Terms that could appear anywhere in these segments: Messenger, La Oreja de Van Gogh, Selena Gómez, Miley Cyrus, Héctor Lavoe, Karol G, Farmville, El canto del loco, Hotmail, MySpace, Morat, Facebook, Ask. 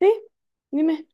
Sí, dime.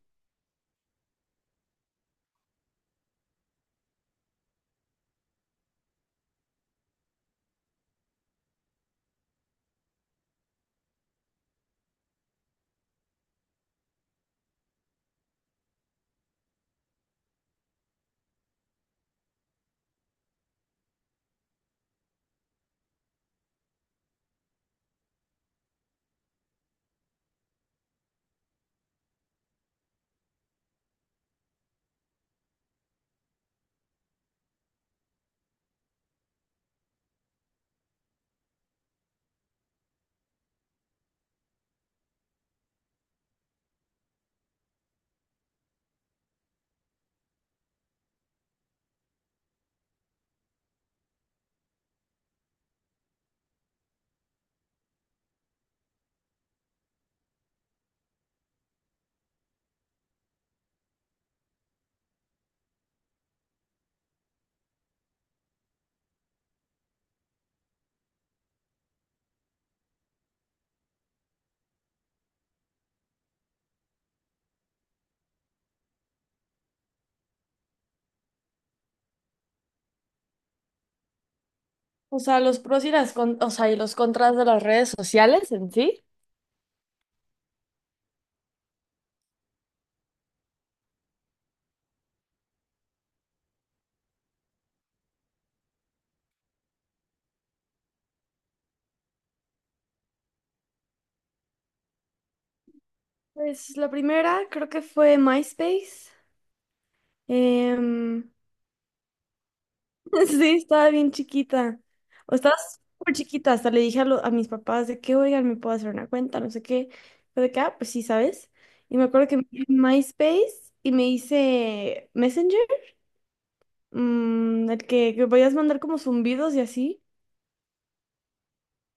O sea, los pros y o sea, y los contras de las redes sociales en sí. Pues la primera creo que fue MySpace. Em, sí, estaba bien chiquita. O estaba súper chiquita. Hasta le dije a, a mis papás de que, oigan, me puedo hacer una cuenta, no sé qué. Fue de que, "Ah, pues sí, ¿sabes? Y me acuerdo que me hice MySpace y me hice Messenger, el que podías mandar como zumbidos y así.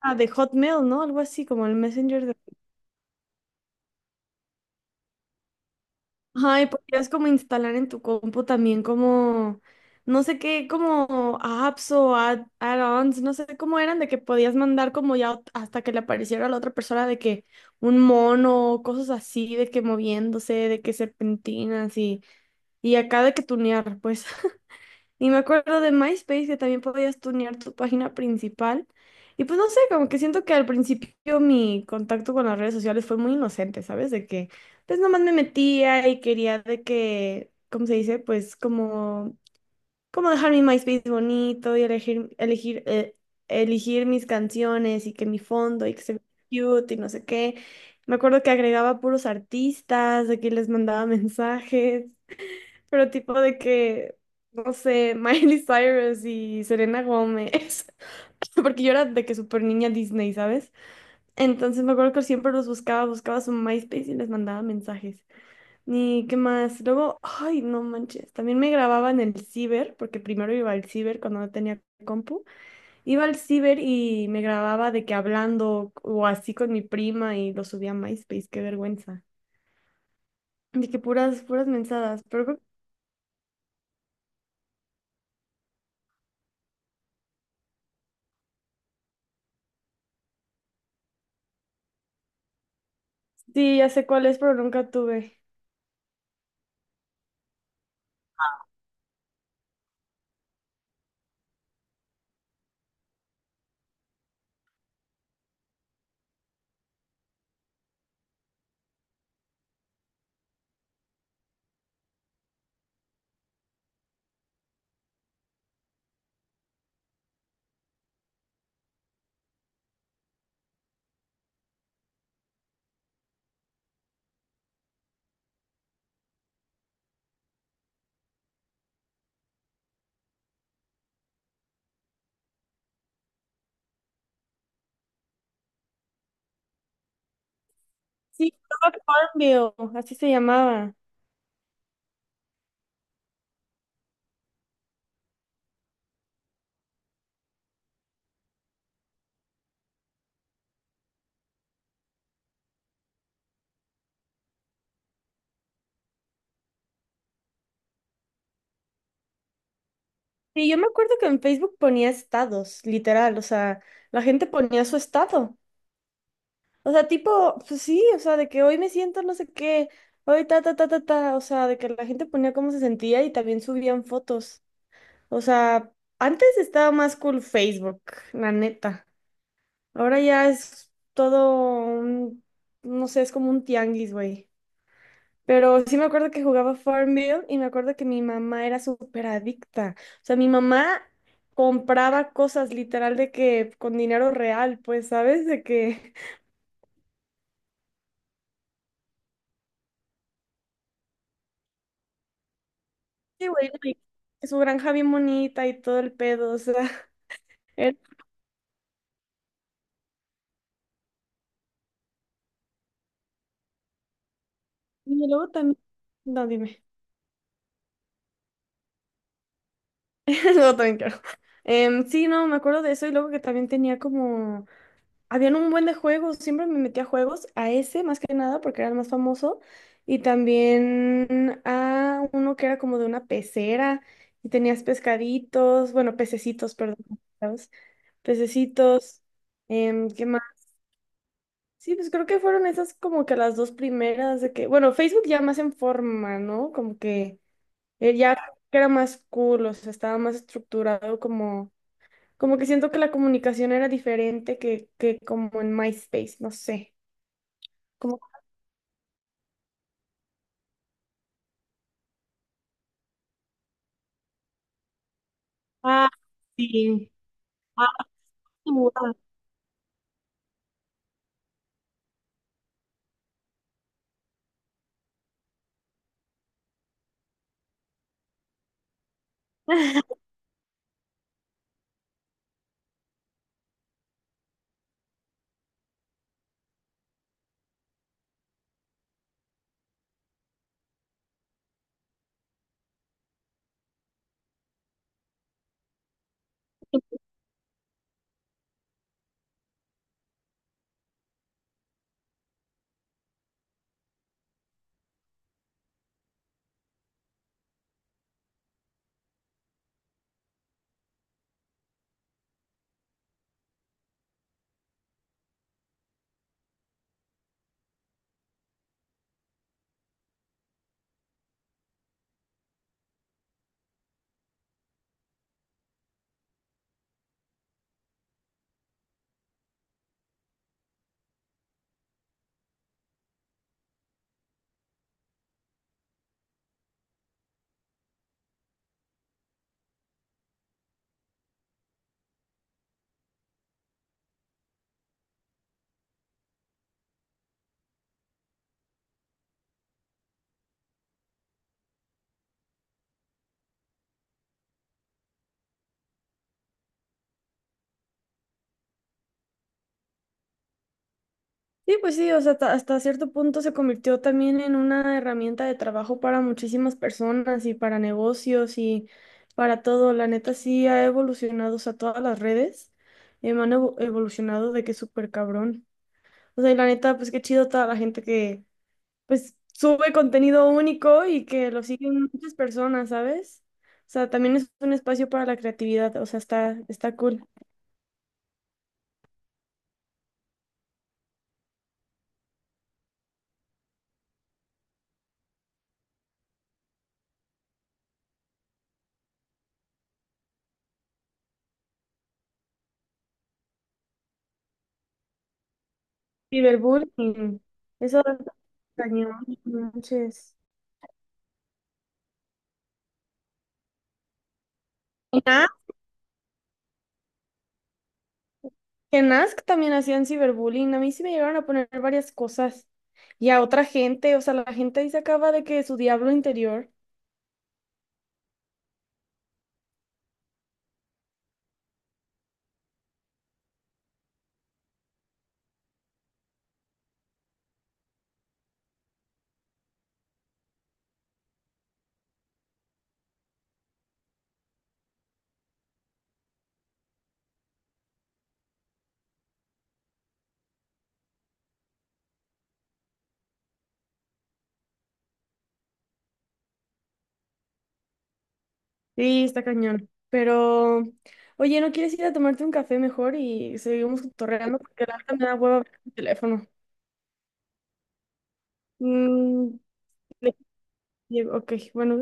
Ah, de Hotmail, ¿no? Algo así, como el Messenger de… Ay, podrías como instalar en tu compu también como, no sé qué, como apps o add-ons, no sé cómo eran, de que podías mandar como ya hasta que le apareciera a la otra persona de que un mono, o cosas así, de que moviéndose, de que serpentinas y acá de que tunear, pues. Y me acuerdo de MySpace que también podías tunear tu página principal. Y pues no sé, como que siento que al principio mi contacto con las redes sociales fue muy inocente, ¿sabes? De que pues nomás me metía y quería de que, ¿cómo se dice? Pues como, como dejar mi MySpace bonito y elegir, elegir mis canciones y que mi fondo y que se vea cute y no sé qué. Me acuerdo que agregaba puros artistas, de que les mandaba mensajes. Pero tipo de que, no sé, Miley Cyrus y Selena Gómez. Porque yo era de que súper niña Disney, ¿sabes? Entonces me acuerdo que siempre los buscaba su MySpace y les mandaba mensajes. Ni qué más. Luego, ay, no manches. También me grababa en el ciber, porque primero iba al ciber cuando no tenía compu. Iba al ciber y me grababa de que hablando o así con mi prima y lo subía a MySpace. Qué vergüenza. De que puras mensadas. Pero sí, ya sé cuál es, pero nunca tuve. Sí, Cloud Farmville, así se llamaba. Sí, yo me acuerdo que en Facebook ponía estados, literal, o sea, la gente ponía su estado. O sea, tipo, pues sí, o sea, de que hoy me siento no sé qué, hoy ta, ta, ta, ta, ta, o sea, de que la gente ponía cómo se sentía y también subían fotos. O sea, antes estaba más cool Facebook, la neta. Ahora ya es todo un, no sé, es como un tianguis, güey. Pero sí me acuerdo que jugaba Farmville y me acuerdo que mi mamá era súper adicta. O sea, mi mamá compraba cosas literal de que con dinero real, pues, ¿sabes? De que, sí, güey, güey, su granja bien bonita y todo el pedo, o sea. era- Y luego también, no, dime. Luego también quiero. Sí, no, me acuerdo de eso y luego que también tenía como… Habían un buen de juegos, siempre me metía a juegos, a ese más que nada porque era el más famoso, y también a uno que era como de una pecera y tenías pescaditos, bueno, pececitos, perdón, ¿sabes? Pececitos, ¿qué más? Sí, pues creo que fueron esas como que las dos primeras de que, bueno, Facebook ya más en forma, ¿no? Como que ya era más cool, o sea, estaba más estructurado como, como que siento que la comunicación era diferente que como en MySpace, no sé. Como… Ah, sí. Sí, pues sí, o sea, hasta, hasta cierto punto se convirtió también en una herramienta de trabajo para muchísimas personas y para negocios y para todo. La neta sí ha evolucionado, o sea, todas las redes han evolucionado de que súper cabrón. O sea, y la neta, pues qué chido toda la gente que, pues, sube contenido único y que lo siguen muchas personas, ¿sabes? O sea, también es un espacio para la creatividad, o sea, está, está cool. Ciberbullying. Eso da cañón. No manches. En Ask, en Ask también hacían ciberbullying. A mí sí me llegaron a poner varias cosas. Y a otra gente, o sea, la gente ahí se acaba de que su diablo interior. Sí, está cañón. Pero, oye, ¿no quieres ir a tomarte un café mejor y seguimos torreando? Porque la verdad me da hueva ver el teléfono. Mm, ok, bueno.